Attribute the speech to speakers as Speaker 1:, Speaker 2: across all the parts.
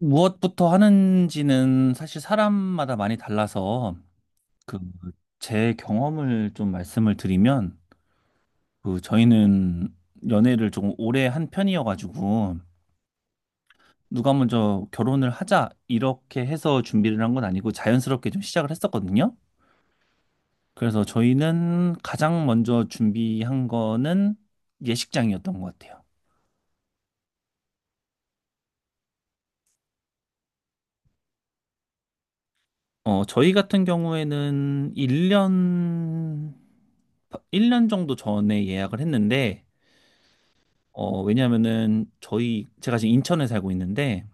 Speaker 1: 무엇부터 하는지는 사실 사람마다 많이 달라서 그 제 경험을 좀 말씀을 드리면 그 저희는 연애를 조금 오래 한 편이어가지고 누가 먼저 결혼을 하자 이렇게 해서 준비를 한 건 아니고 자연스럽게 좀 시작을 했었거든요. 그래서 저희는 가장 먼저 준비한 거는 예식장이었던 것 같아요. 저희 같은 경우에는 일년 1년 정도 전에 예약을 했는데 어, 왜냐면은 저희 제가 지금 인천에 살고 있는데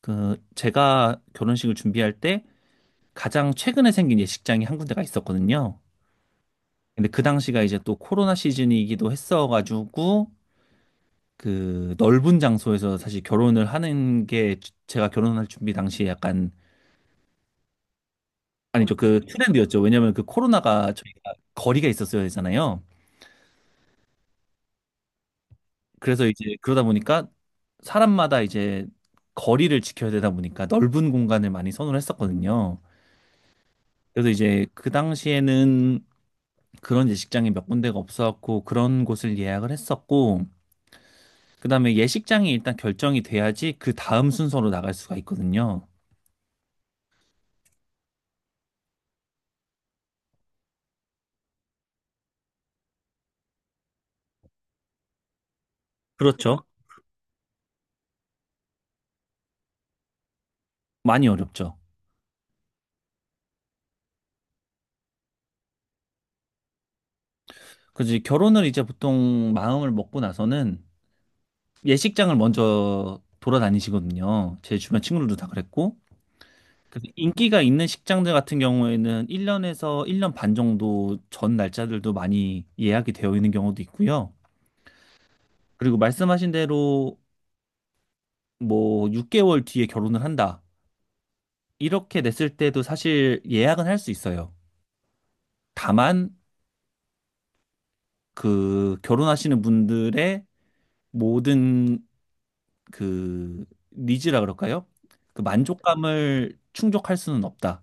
Speaker 1: 그 제가 결혼식을 준비할 때 가장 최근에 생긴 예식장이 한 군데가 있었거든요. 근데 그 당시가 이제 또 코로나 시즌이기도 했어가지고 그 넓은 장소에서 사실 결혼을 하는 게 제가 결혼할 준비 당시에 약간 아니죠, 그 트렌드였죠. 왜냐면 그 코로나가 저희가 거리가 있었어야 되잖아요. 그래서 이제 그러다 보니까 사람마다 이제 거리를 지켜야 되다 보니까 넓은 공간을 많이 선호를 했었거든요. 그래서 이제 그 당시에는 그런 예식장이 몇 군데가 없어갖고 그런 곳을 예약을 했었고, 그 다음에 예식장이 일단 결정이 돼야지 그 다음 순서로 나갈 수가 있거든요. 그렇죠. 많이 어렵죠. 그래서 이제 결혼을 이제 보통 마음을 먹고 나서는 예식장을 먼저 돌아다니시거든요. 제 주변 친구들도 다 그랬고. 그래서 인기가 있는 식장들 같은 경우에는 1년에서 1년 반 정도 전 날짜들도 많이 예약이 되어 있는 경우도 있고요. 그리고 말씀하신 대로 뭐 6개월 뒤에 결혼을 한다. 이렇게 냈을 때도 사실 예약은 할 수 있어요. 다만 그 결혼하시는 분들의 모든 그 니즈라 그럴까요? 그 만족감을 충족할 수는 없다.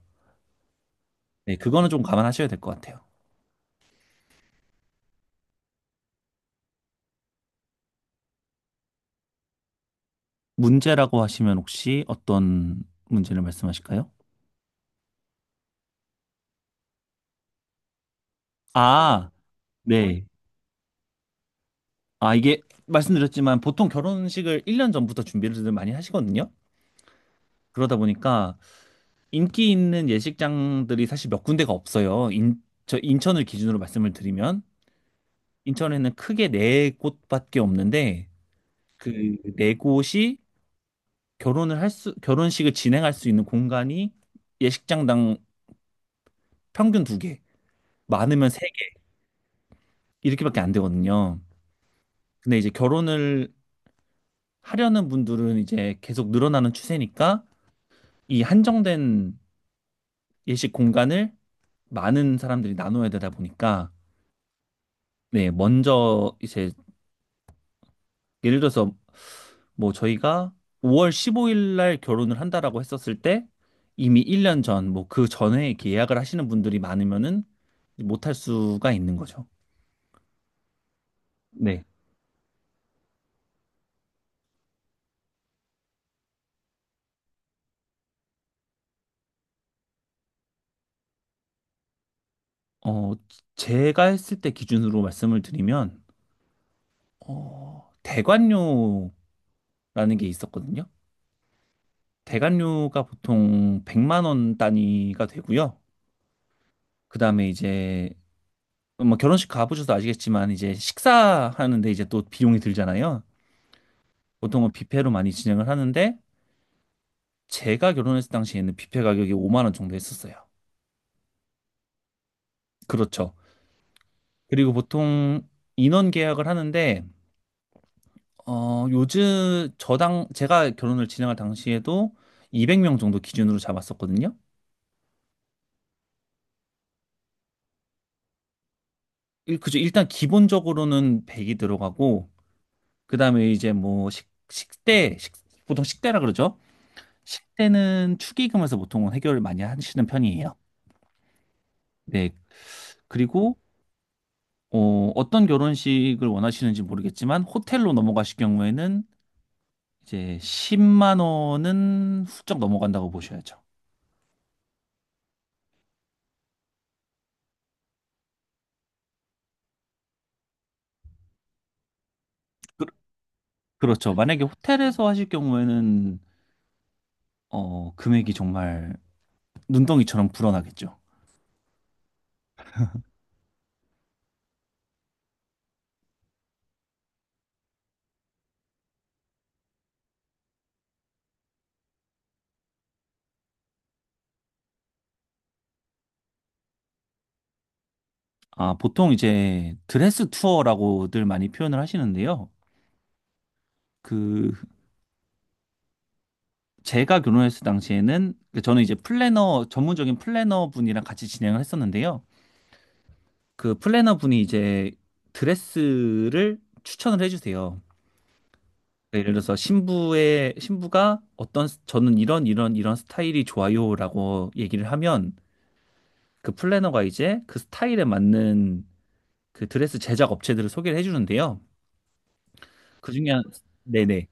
Speaker 1: 네, 그거는 좀 감안하셔야 될 것 같아요. 문제라고 하시면 혹시 어떤 문제를 말씀하실까요? 아, 네. 아, 이게 말씀드렸지만 보통 결혼식을 1년 전부터 준비를 많이 하시거든요. 그러다 보니까 인기 있는 예식장들이 사실 몇 군데가 없어요. 저 인천을 기준으로 말씀을 드리면 인천에는 크게 네 곳밖에 없는데 그 네 곳이 결혼식을 진행할 수 있는 공간이 예식장당 평균 두 개, 많으면 세 개, 이렇게밖에 안 되거든요. 근데 이제 결혼을 하려는 분들은 이제 계속 늘어나는 추세니까 이 한정된 예식 공간을 많은 사람들이 나눠야 되다 보니까 네, 먼저 이제 예를 들어서 뭐 저희가 5월 15일 날 결혼을 한다라고 했었을 때 이미 1년 전, 뭐 그 전에 이렇게 예약을 하시는 분들이 많으면은 못할 수가 있는 거죠. 네. 어, 제가 했을 때 기준으로 말씀을 드리면, 대관료라는 게 있었거든요. 대관료가 보통 100만 원 단위가 되고요. 그다음에 이제 뭐 결혼식 가보셔서 아시겠지만 이제 식사하는데 이제 또 비용이 들잖아요. 보통은 뷔페로 많이 진행을 하는데 제가 결혼했을 당시에는 뷔페 가격이 5만 원 정도 했었어요. 그렇죠. 그리고 보통 인원 계약을 하는데 어, 요즘 저당 제가 결혼을 진행할 당시에도 200명 정도 기준으로 잡았었거든요. 그죠. 일단 기본적으로는 100이 들어가고 그다음에 이제 보통 식대라 그러죠. 식대는 축의금에서 보통은 해결을 많이 하시는 편이에요. 네. 그리고 어떤 결혼식을 원하시는지 모르겠지만 호텔로 넘어가실 경우에는 이제 10만 원은 훌쩍 넘어간다고 보셔야죠. 그, 그렇죠. 만약에 호텔에서 하실 경우에는 금액이 정말 눈덩이처럼 불어나겠죠. 아, 보통 이제 드레스 투어라고들 많이 표현을 하시는데요. 그 제가 결혼했을 당시에는 그 저는 이제 플래너 전문적인 플래너 분이랑 같이 진행을 했었는데요. 그 플래너 분이 이제 드레스를 추천을 해주세요. 네, 예를 들어서 신부의 신부가 저는 이런 스타일이 좋아요라고 얘기를 하면 그 플래너가 이제 그 스타일에 맞는 그 드레스 제작 업체들을 소개를 해주는데요. 그중에 한- 네네,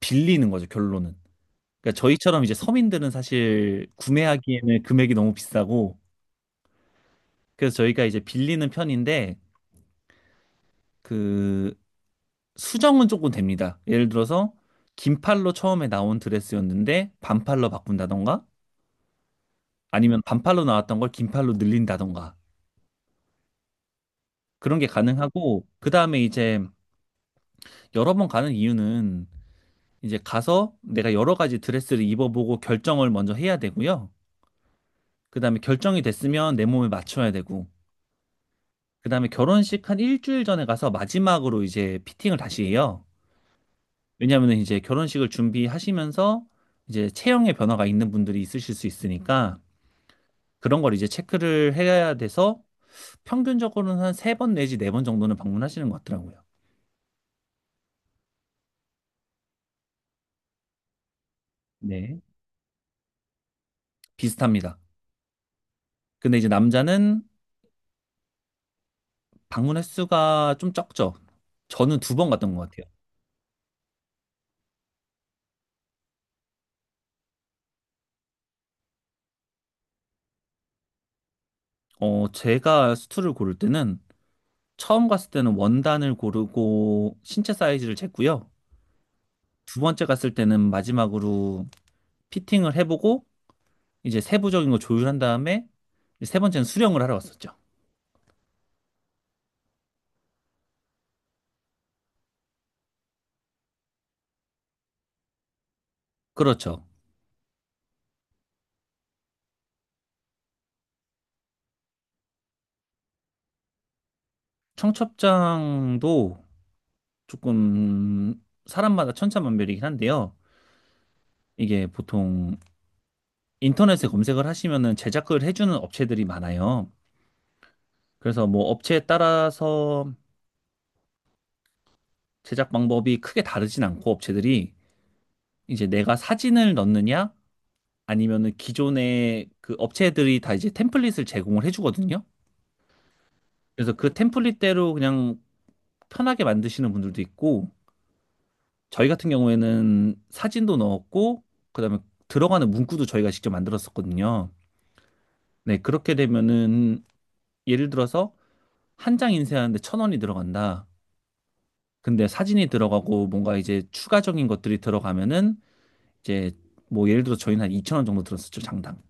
Speaker 1: 빌리는 거죠 결론은. 그러니까 저희처럼 이제 서민들은 사실 구매하기에는 금액이 너무 비싸고 그래서 저희가 이제 빌리는 편인데 그 수정은 조금 됩니다. 예를 들어서 긴 팔로 처음에 나온 드레스였는데 반팔로 바꾼다던가 아니면 반팔로 나왔던 걸 긴팔로 늘린다던가 그런 게 가능하고 그 다음에 이제 여러 번 가는 이유는 이제 가서 내가 여러 가지 드레스를 입어보고 결정을 먼저 해야 되고요. 그 다음에 결정이 됐으면 내 몸에 맞춰야 되고 그 다음에 결혼식 한 일주일 전에 가서 마지막으로 이제 피팅을 다시 해요. 왜냐하면 이제 결혼식을 준비하시면서 이제 체형의 변화가 있는 분들이 있으실 수 있으니까 그런 걸 이제 체크를 해야 돼서 평균적으로는 한 세 번 내지 네 번 정도는 방문하시는 것 같더라고요. 네. 비슷합니다. 근데 이제 남자는 방문 횟수가 좀 적죠. 저는 두 번 갔던 것 같아요. 제가 수트를 고를 때는 처음 갔을 때는 원단을 고르고 신체 사이즈를 쟀고요. 두 번째 갔을 때는 마지막으로 피팅을 해보고 이제 세부적인 거 조율한 다음에 세 번째는 수령을 하러 갔었죠. 그렇죠. 청첩장도 조금 사람마다 천차만별이긴 한데요. 이게 보통 인터넷에 검색을 하시면은 제작을 해주는 업체들이 많아요. 그래서 뭐 업체에 따라서 제작 방법이 크게 다르진 않고 업체들이 이제 내가 사진을 넣느냐 아니면은 기존의 그 업체들이 다 이제 템플릿을 제공을 해주거든요. 그래서 그 템플릿대로 그냥 편하게 만드시는 분들도 있고 저희 같은 경우에는 사진도 넣었고 그다음에 들어가는 문구도 저희가 직접 만들었었거든요. 네, 그렇게 되면은 예를 들어서 한 장 인쇄하는데 천 원이 들어간다. 근데 사진이 들어가고 뭔가 이제 추가적인 것들이 들어가면은 이제 뭐 예를 들어 저희는 한 2천 원 정도 들었었죠, 장당.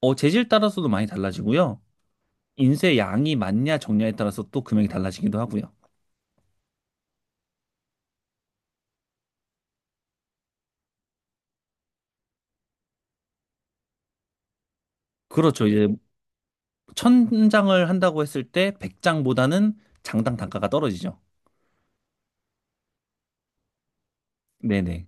Speaker 1: 재질 따라서도 많이 달라지고요. 인쇄 양이 많냐 적냐에 따라서 또 금액이 달라지기도 하고요. 그렇죠. 이제 천 장을 한다고 했을 때 100장보다는 장당 단가가 떨어지죠. 네네.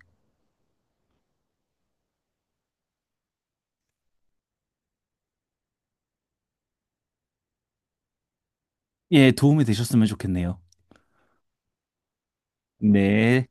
Speaker 1: 예, 도움이 되셨으면 좋겠네요. 네.